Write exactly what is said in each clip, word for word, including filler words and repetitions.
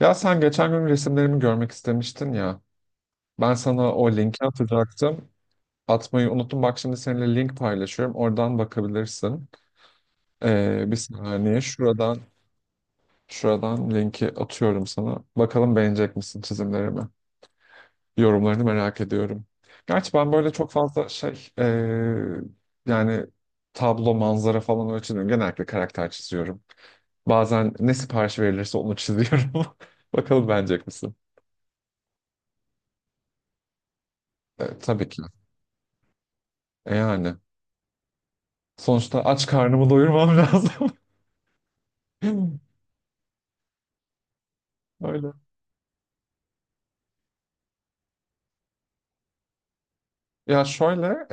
Ya sen geçen gün resimlerimi görmek istemiştin ya. Ben sana o linki atacaktım. Atmayı unuttum. Bak şimdi seninle link paylaşıyorum. Oradan bakabilirsin. Ee, bir saniye şuradan şuradan linki atıyorum sana. Bakalım beğenecek misin çizimlerimi? Yorumlarını merak ediyorum. Gerçi ben böyle çok fazla şey ee, yani tablo, manzara falan öyle çizmiyorum. Genellikle karakter çiziyorum. Bazen ne sipariş verilirse onu çiziyorum. Bakalım beğenecek misin? Ee, tabii ki. E yani. Sonuçta aç karnımı doyurmam lazım. Öyle. Ya şöyle,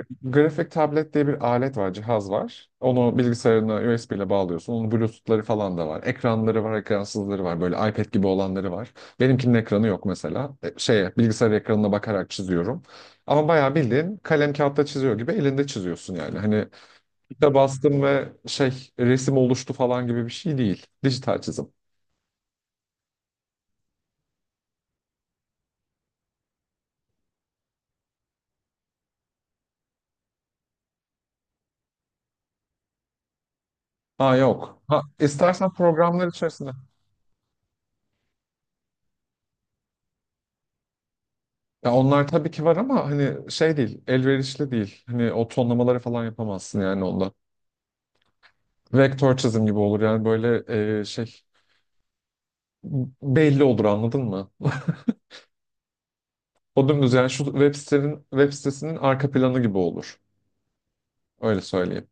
e, grafik tablet diye bir alet var, cihaz var. Onu bilgisayarına U S B ile bağlıyorsun. Onun Bluetooth'ları falan da var. Ekranları var, ekransızları var. Böyle iPad gibi olanları var. Benimkinin ekranı yok mesela. E, şeye, bilgisayar ekranına bakarak çiziyorum. Ama bayağı bildiğin kalem kağıtta çiziyor gibi elinde çiziyorsun yani. Hani de bastım ve şey resim oluştu falan gibi bir şey değil. Dijital çizim. Ha yok. Ha, istersen programlar içerisinde. Ya onlar tabii ki var ama hani şey değil, elverişli değil. Hani o tonlamaları falan yapamazsın yani onda. Vektör çizim gibi olur yani böyle e, şey belli olur anladın mı? O dümdüz yani şu web sitenin, web sitesinin arka planı gibi olur. Öyle söyleyeyim.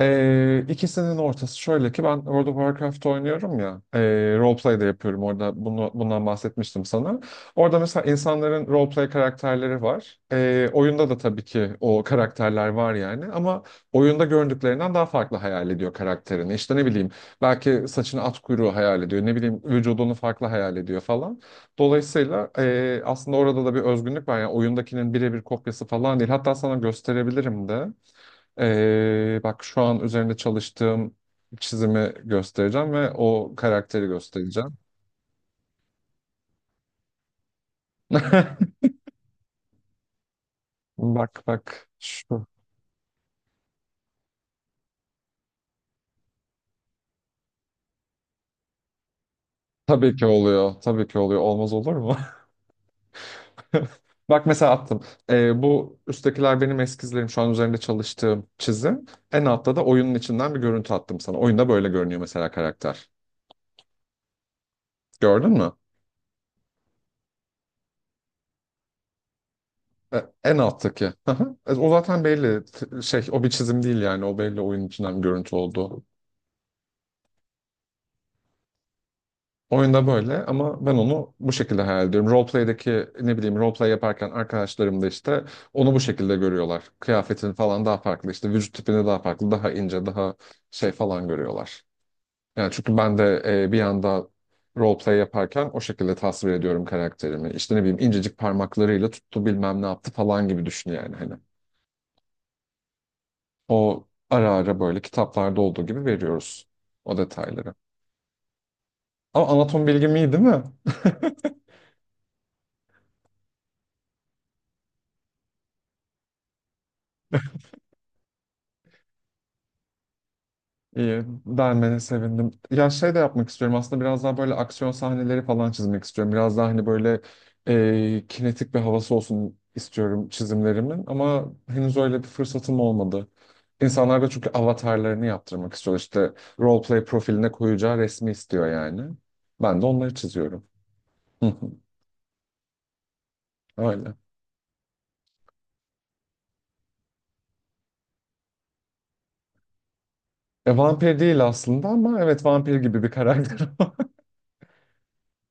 Ee, ikisinin ortası şöyle ki ben World of Warcraft oynuyorum ya, e, roleplay da yapıyorum orada bunu, bundan bahsetmiştim sana. Orada mesela insanların roleplay karakterleri var. Ee, oyunda da tabii ki o karakterler var yani ama oyunda göründüklerinden daha farklı hayal ediyor karakterini. İşte ne bileyim belki saçını at kuyruğu hayal ediyor, ne bileyim vücudunu farklı hayal ediyor falan. Dolayısıyla e, aslında orada da bir özgünlük var yani oyundakinin birebir kopyası falan değil, hatta sana gösterebilirim de. Ee, bak şu an üzerinde çalıştığım çizimi göstereceğim ve o karakteri göstereceğim. Bak bak şu. Tabii ki oluyor. Tabii ki oluyor. Olmaz olur mu? Bak mesela attım. Ee, bu üsttekiler benim eskizlerim. Şu an üzerinde çalıştığım çizim. En altta da oyunun içinden bir görüntü attım sana. Oyunda böyle görünüyor mesela karakter. Gördün mü? E, En alttaki. Hı hı. E, O zaten belli. T- Şey, o bir çizim değil yani. O belli oyunun içinden bir görüntü oldu. Oyunda böyle ama ben onu bu şekilde hayal ediyorum. Roleplay'deki, ne bileyim, roleplay yaparken arkadaşlarım da işte onu bu şekilde görüyorlar. Kıyafetin falan daha farklı, işte vücut tipini daha farklı, daha ince, daha şey falan görüyorlar. Yani çünkü ben de e, bir anda roleplay yaparken o şekilde tasvir ediyorum karakterimi. İşte ne bileyim, incecik parmaklarıyla tuttu, bilmem ne yaptı falan gibi düşün yani hani. O ara ara böyle kitaplarda olduğu gibi veriyoruz o detayları. Ama anatom bilgim iyi değil mi? İyi, beğenmene sevindim. Ya şey de yapmak istiyorum aslında, biraz daha böyle aksiyon sahneleri falan çizmek istiyorum. Biraz daha hani böyle e, kinetik bir havası olsun istiyorum çizimlerimin. Ama henüz öyle bir fırsatım olmadı. İnsanlar da çünkü avatarlarını yaptırmak istiyor. İşte roleplay profiline koyacağı resmi istiyor yani. Ben de onları çiziyorum. Hı hı. Öyle. E, vampir değil aslında ama evet vampir gibi bir karakter.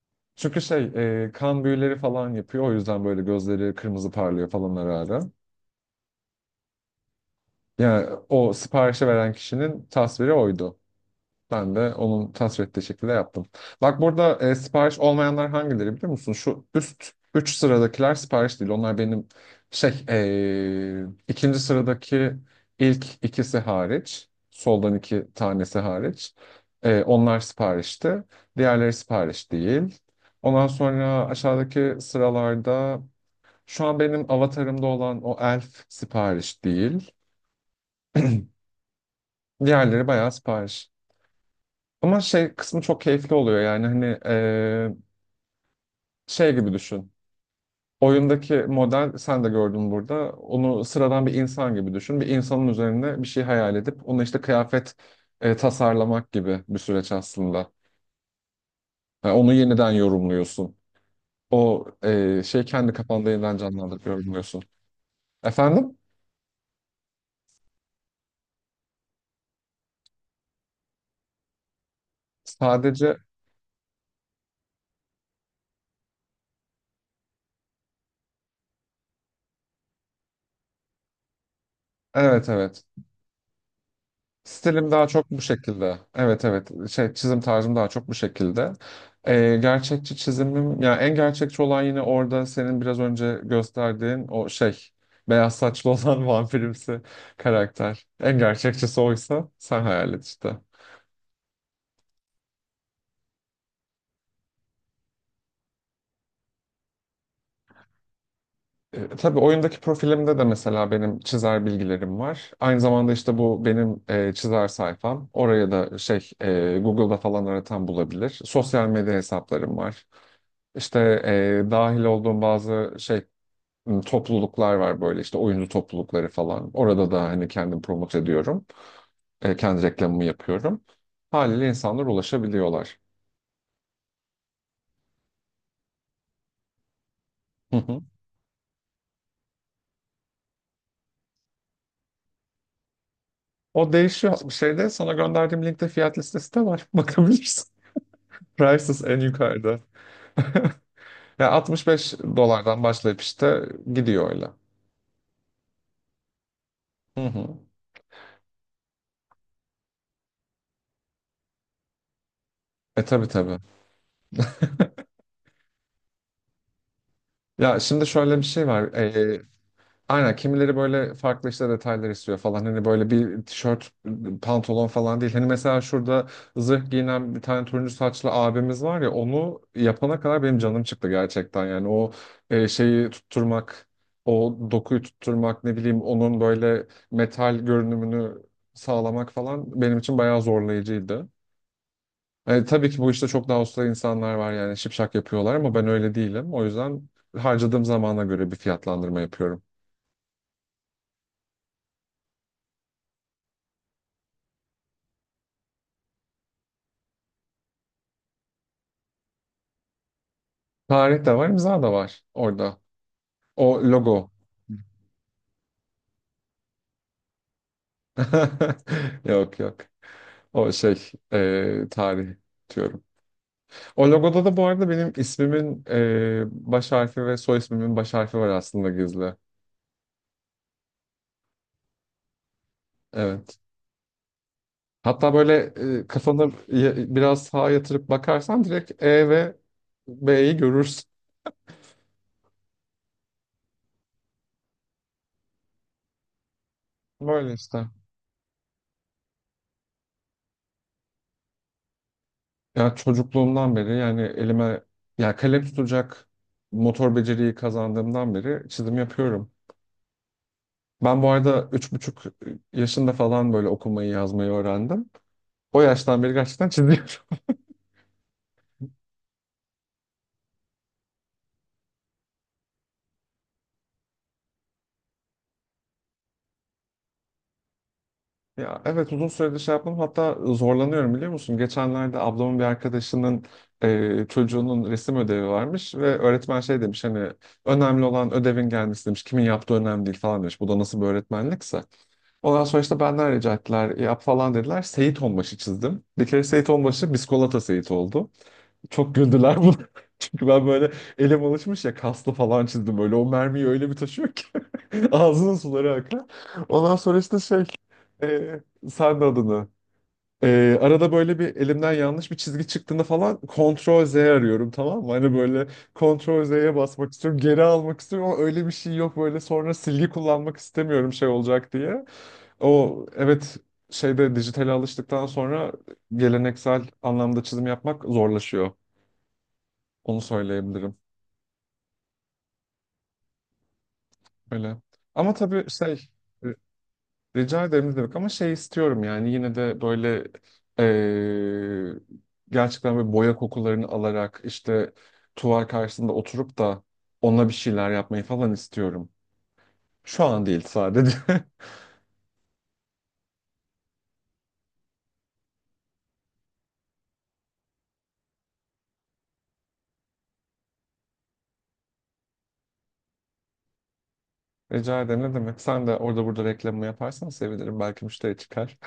Çünkü şey, e, kan büyüleri falan yapıyor. O yüzden böyle gözleri kırmızı parlıyor falan ara ara. Yani o siparişi veren kişinin tasviri oydu. Ben de onun tasvir ettiği şekilde yaptım. Bak burada e, sipariş olmayanlar hangileri biliyor musun? Şu üst üç sıradakiler sipariş değil. Onlar benim şey, e, ikinci sıradaki ilk ikisi hariç. Soldan iki tanesi hariç. E, onlar siparişti. Diğerleri sipariş değil. Ondan sonra aşağıdaki sıralarda şu an benim avatarımda olan o elf sipariş değil. Diğerleri bayağı sipariş. Ama şey kısmı çok keyifli oluyor yani hani eee, şey gibi düşün. Oyundaki model sen de gördün burada. Onu sıradan bir insan gibi düşün. Bir insanın üzerine bir şey hayal edip onu işte kıyafet eee, tasarlamak gibi bir süreç aslında. Yani onu yeniden yorumluyorsun. O eee, şey, kendi kafanda yeniden canlandırıp yorumluyorsun. Efendim? Sadece evet evet. Stilim daha çok bu şekilde. Evet evet, şey, çizim tarzım daha çok bu şekilde. Ee, gerçekçi çizimim yani, en gerçekçi olan yine orada senin biraz önce gösterdiğin o şey, beyaz saçlı olan, vampirimsi karakter. En gerçekçisi oysa sen hayal et işte. E, tabii oyundaki profilimde de mesela benim çizer bilgilerim var. Aynı zamanda işte bu benim e, çizer sayfam. Oraya da şey, e, Google'da falan aratan bulabilir. Sosyal medya hesaplarım var. İşte e, dahil olduğum bazı şey, m, topluluklar var, böyle işte oyuncu toplulukları falan. Orada da hani kendim promote ediyorum. E, kendi reklamımı yapıyorum. Haliyle insanlar ulaşabiliyorlar. Hı hı. O değişiyor. Şeyde sana gönderdiğim linkte fiyat listesi de var. Bakabilirsin. Prices en yukarıda. Ya altmış beş dolardan başlayıp işte gidiyor öyle. Hı hı. E tabii tabii. Ya şimdi şöyle bir şey var. E, aynen, kimileri böyle farklı işte detaylar istiyor falan. Hani böyle bir tişört, pantolon falan değil. Hani mesela şurada zırh giyinen bir tane turuncu saçlı abimiz var ya, onu yapana kadar benim canım çıktı gerçekten. Yani o e, şeyi tutturmak, o dokuyu tutturmak, ne bileyim onun böyle metal görünümünü sağlamak falan benim için bayağı zorlayıcıydı. E, tabii ki bu işte çok daha usta insanlar var yani, şipşak yapıyorlar ama ben öyle değilim. O yüzden harcadığım zamana göre bir fiyatlandırma yapıyorum. Tarih de var, imza da var orada. O logo. Yok yok. O şey, e, tarih diyorum. O logoda da bu arada benim ismimin e, baş harfi ve soy ismimin baş harfi var aslında, gizli. Evet. Hatta böyle e, kafanı y- biraz sağa yatırıp bakarsan direkt E ve B'yi görürsün. Böyle işte. Ya çocukluğumdan beri yani, elime ya kalem tutacak motor beceriyi kazandığımdan beri çizim yapıyorum. Ben bu arada üç buçuk yaşında falan böyle okumayı yazmayı öğrendim. O yaştan beri gerçekten çiziyorum. Ya evet, uzun süredir şey yapmam hatta, zorlanıyorum biliyor musun? Geçenlerde ablamın bir arkadaşının e, çocuğunun resim ödevi varmış ve öğretmen şey demiş hani, önemli olan ödevin gelmesi demiş. Kimin yaptığı önemli değil falan demiş. Bu da nasıl bir öğretmenlikse. Ondan sonra işte benden rica ettiler, yap falan dediler. Seyit Onbaşı çizdim. Bir kere Seyit Onbaşı biskolata Seyit oldu. Çok güldüler buna. Çünkü ben böyle elim alışmış ya, kaslı falan çizdim böyle. O mermiyi öyle bir taşıyor ki. Ağzının suları akar. Ondan sonra işte şey, e, sen de adını. E, arada böyle bir elimden yanlış bir çizgi çıktığında falan Ctrl Z arıyorum tamam mı? Hani böyle Ctrl Z'ye basmak istiyorum, geri almak istiyorum ama öyle bir şey yok böyle, sonra silgi kullanmak istemiyorum şey olacak diye. O evet, şeyde dijitale alıştıktan sonra geleneksel anlamda çizim yapmak zorlaşıyor. Onu söyleyebilirim. Öyle. Ama tabii şey, e, rica ederim ne demek, ama şey istiyorum yani yine de böyle eee, gerçekten böyle boya kokularını alarak işte tuval karşısında oturup da onunla bir şeyler yapmayı falan istiyorum. Şu an değil sadece. Rica ederim ne demek. Sen de orada burada reklamı yaparsan sevinirim. Belki müşteri çıkar.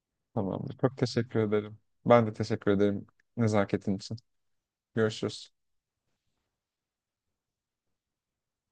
Tamamdır. Çok teşekkür ederim. Ben de teşekkür ederim nezaketin için. Görüşürüz.